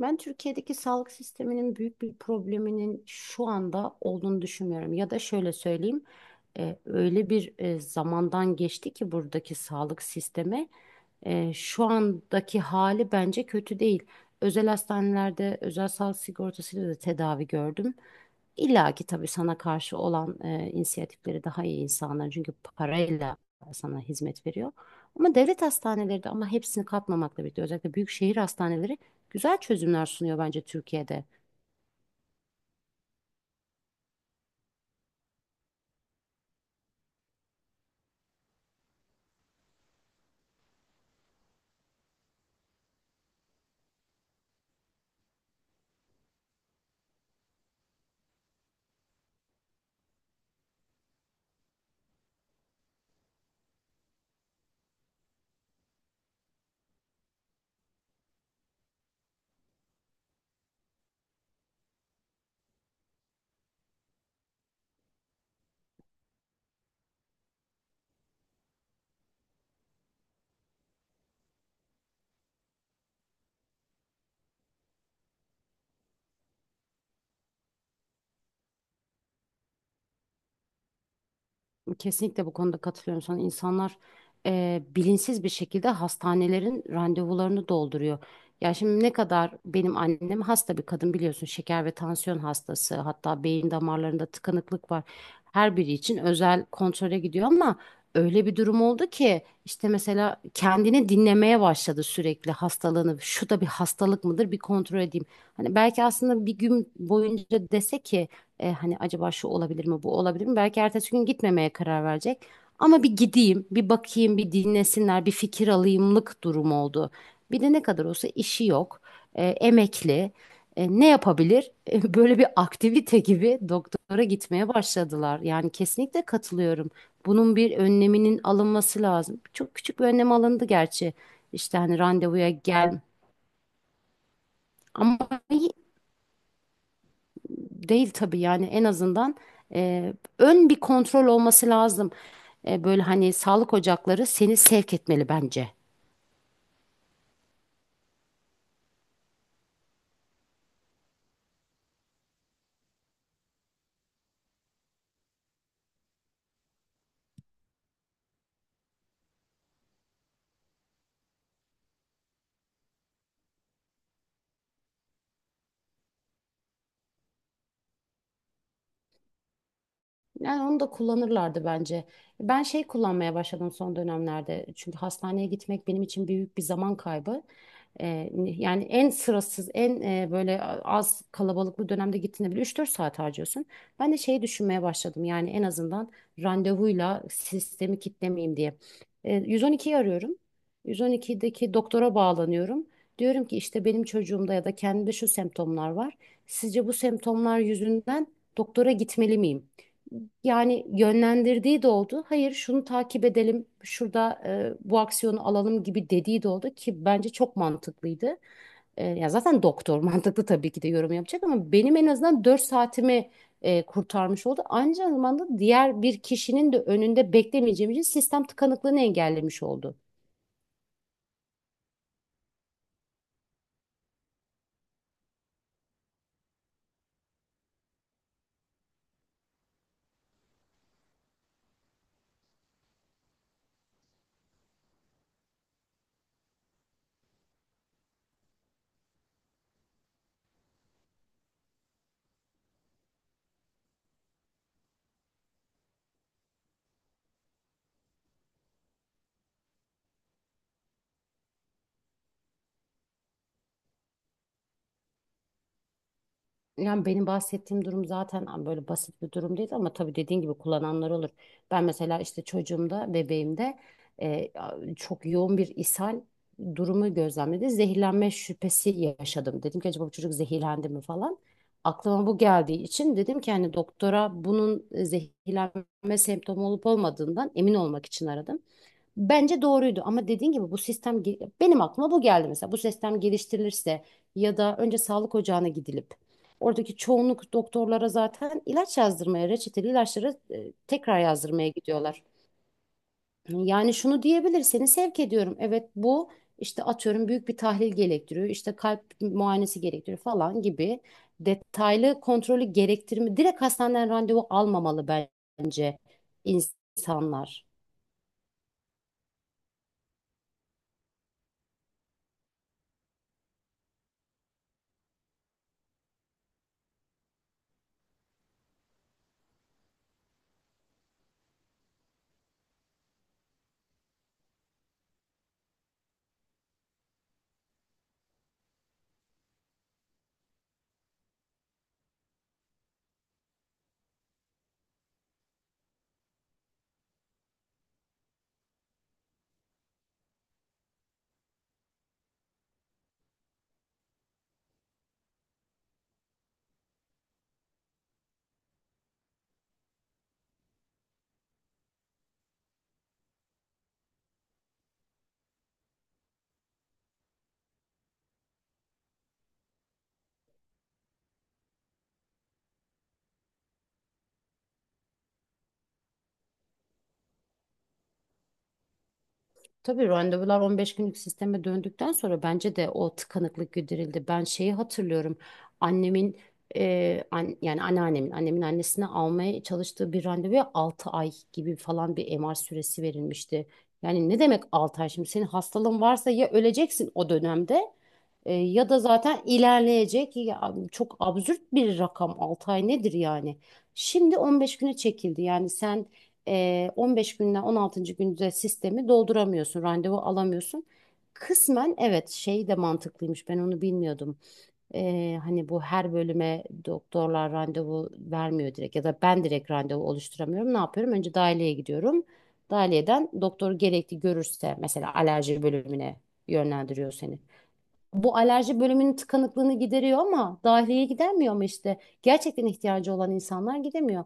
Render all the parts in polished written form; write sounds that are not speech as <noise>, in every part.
Ben Türkiye'deki sağlık sisteminin büyük bir probleminin şu anda olduğunu düşünmüyorum. Ya da şöyle söyleyeyim, öyle bir zamandan geçti ki buradaki sağlık sistemi şu andaki hali bence kötü değil. Özel hastanelerde özel sağlık sigortasıyla da tedavi gördüm. İlla ki tabii sana karşı olan inisiyatifleri daha iyi insanlar çünkü parayla sana hizmet veriyor. Ama devlet hastaneleri de, ama hepsini katmamakla birlikte özellikle büyük şehir hastaneleri güzel çözümler sunuyor bence Türkiye'de. Kesinlikle bu konuda katılıyorum sana. İnsanlar bilinçsiz bir şekilde hastanelerin randevularını dolduruyor. Ya şimdi ne kadar, benim annem hasta bir kadın biliyorsun, şeker ve tansiyon hastası, hatta beyin damarlarında tıkanıklık var. Her biri için özel kontrole gidiyor, ama öyle bir durum oldu ki işte, mesela kendini dinlemeye başladı sürekli hastalığını. Şu da bir hastalık mıdır, bir kontrol edeyim. Hani belki aslında bir gün boyunca dese ki, hani acaba şu olabilir mi, bu olabilir mi? Belki ertesi gün gitmemeye karar verecek. Ama bir gideyim, bir bakayım, bir dinlesinler, bir fikir alayımlık durum oldu. Bir de ne kadar olsa işi yok, emekli. Ne yapabilir? <laughs> Böyle bir aktivite gibi doktora gitmeye başladılar. Yani kesinlikle katılıyorum. Bunun bir önleminin alınması lazım. Çok küçük bir önlem alındı gerçi. İşte hani randevuya gel. Ama değil tabii, yani en azından e, ön bir kontrol olması lazım. Böyle hani sağlık ocakları seni sevk etmeli bence. Yani onu da kullanırlardı bence. Ben şey kullanmaya başladım son dönemlerde. Çünkü hastaneye gitmek benim için büyük bir zaman kaybı. Yani en sırasız, en böyle az kalabalıklı dönemde gittiğinde bile 3 4 saat harcıyorsun. Ben de şeyi düşünmeye başladım. Yani en azından randevuyla sistemi kitlemeyeyim diye. 112'yi arıyorum. 112'deki doktora bağlanıyorum. Diyorum ki işte, benim çocuğumda ya da kendimde şu semptomlar var. Sizce bu semptomlar yüzünden doktora gitmeli miyim? Yani yönlendirdiği de oldu. Hayır şunu takip edelim, şurada bu aksiyonu alalım gibi dediği de oldu ki bence çok mantıklıydı. Ya zaten doktor <laughs> mantıklı tabii ki de yorum yapacak, ama benim en azından 4 saatimi kurtarmış oldu. Aynı zamanda diğer bir kişinin de önünde beklemeyeceğim için sistem tıkanıklığını engellemiş oldu. Yani benim bahsettiğim durum zaten böyle basit bir durum değil, ama tabii dediğin gibi kullananlar olur. Ben mesela işte çocuğumda, bebeğimde e, çok yoğun bir ishal durumu gözlemledi. Zehirlenme şüphesi yaşadım. Dedim ki, acaba bu çocuk zehirlendi mi falan. Aklıma bu geldiği için dedim ki, hani doktora bunun zehirlenme semptomu olup olmadığından emin olmak için aradım. Bence doğruydu, ama dediğin gibi bu benim aklıma bu geldi, mesela bu sistem geliştirilirse ya da önce sağlık ocağına gidilip oradaki çoğunluk doktorlara zaten ilaç yazdırmaya, reçeteli ilaçları tekrar yazdırmaya gidiyorlar. Yani şunu diyebilir, seni sevk ediyorum, evet bu işte atıyorum büyük bir tahlil gerektiriyor, işte kalp muayenesi gerektiriyor falan gibi detaylı kontrolü gerektirme, direkt hastaneden randevu almamalı bence insanlar. Tabii randevular 15 günlük sisteme döndükten sonra bence de o tıkanıklık giderildi. Ben şeyi hatırlıyorum. Annemin yani anneannemin, annemin annesine almaya çalıştığı bir randevuya 6 ay gibi falan bir MR süresi verilmişti. Yani ne demek 6 ay şimdi? Senin hastalığın varsa ya öleceksin o dönemde ya da zaten ilerleyecek. Ya, çok absürt bir rakam, 6 ay nedir yani? Şimdi 15 güne çekildi. Yani sen 15 günden 16. günde sistemi dolduramıyorsun, randevu alamıyorsun. Kısmen evet, şey de mantıklıymış, ben onu bilmiyordum. Hani bu, her bölüme doktorlar randevu vermiyor direkt ya da ben direkt randevu oluşturamıyorum. Ne yapıyorum? Önce dahiliyeye gidiyorum. Dahiliyeden doktor gerekli görürse, mesela alerji bölümüne yönlendiriyor seni. Bu alerji bölümünün tıkanıklığını gideriyor ama dahiliyeye gidermiyor, ama işte gerçekten ihtiyacı olan insanlar gidemiyor.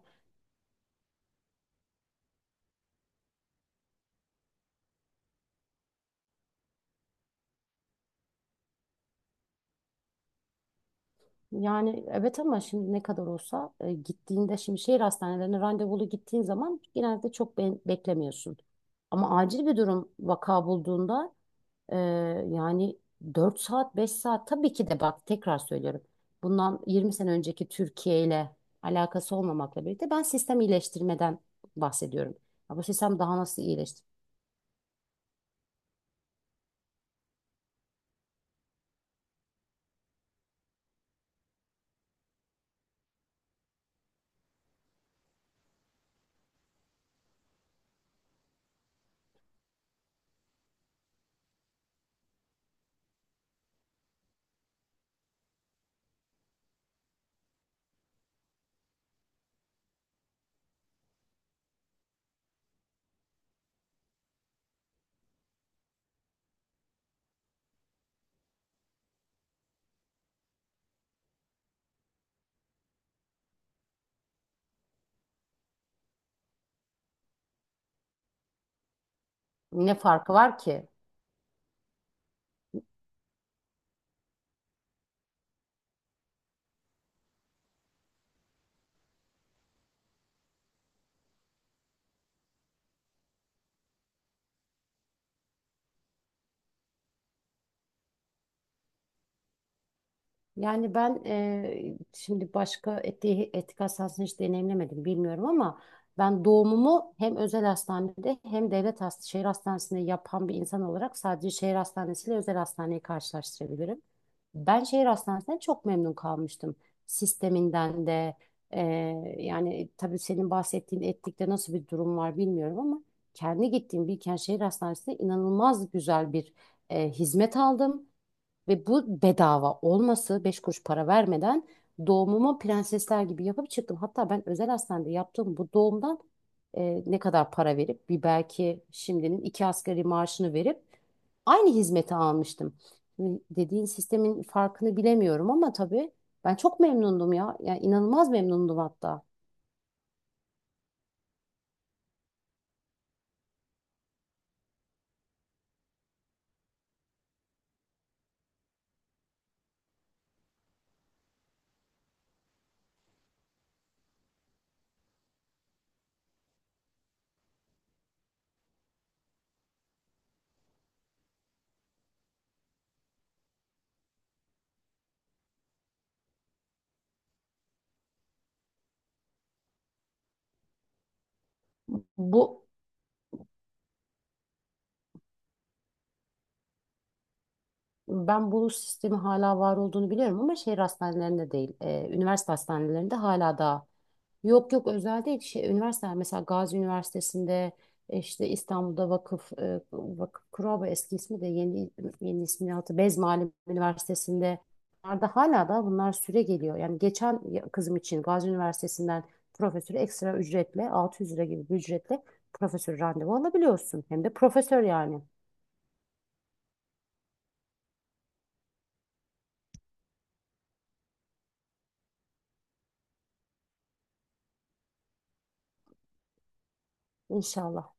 Yani evet, ama şimdi ne kadar olsa gittiğinde, şimdi şehir hastanelerine randevulu gittiğin zaman genelde çok beklemiyorsun. Ama acil bir durum, vaka bulduğunda e, yani 4 saat 5 saat, tabii ki de. Bak tekrar söylüyorum, bundan 20 sene önceki Türkiye ile alakası olmamakla birlikte ben sistem iyileştirmeden bahsediyorum. Ya bu sistem daha nasıl iyileştir? Ne farkı var ki? Yani ben şimdi başka etik hastanesini hiç deneyimlemedim, bilmiyorum, ama ben doğumumu hem özel hastanede hem devlet hast şehir hastanesinde yapan bir insan olarak sadece şehir hastanesiyle özel hastaneyi karşılaştırabilirim. Ben şehir hastanesinden çok memnun kalmıştım. Sisteminden de yani tabii, senin bahsettiğin Etlik'te nasıl bir durum var bilmiyorum, ama kendi gittiğim Bilkent Şehir Hastanesi'nde inanılmaz güzel bir hizmet aldım. Ve bu bedava olması, 5 kuruş para vermeden doğumumu prensesler gibi yapıp çıktım. Hatta ben özel hastanede yaptığım bu doğumdan ne kadar para verip, bir belki şimdinin iki asgari maaşını verip aynı hizmeti almıştım. Şimdi dediğin sistemin farkını bilemiyorum, ama tabii ben çok memnundum ya. Yani inanılmaz memnundum hatta. Bu ben bu sistemin hala var olduğunu biliyorum, ama şehir hastanelerinde değil, üniversite hastanelerinde hala daha. Yok yok, özel değil, şey, üniversiteler, mesela Gazi Üniversitesi'nde işte, İstanbul'da vakıf, vakıf Kuraba eski ismi, de yeni yeni ismini Bez Muallim Üniversitesi'nde, bunlar da hala da bunlar süre geliyor. Yani geçen kızım için Gazi Üniversitesi'nden profesörü ekstra ücretle 600 lira gibi bir ücretle profesör randevu alabiliyorsun. Hem de profesör yani. İnşallah.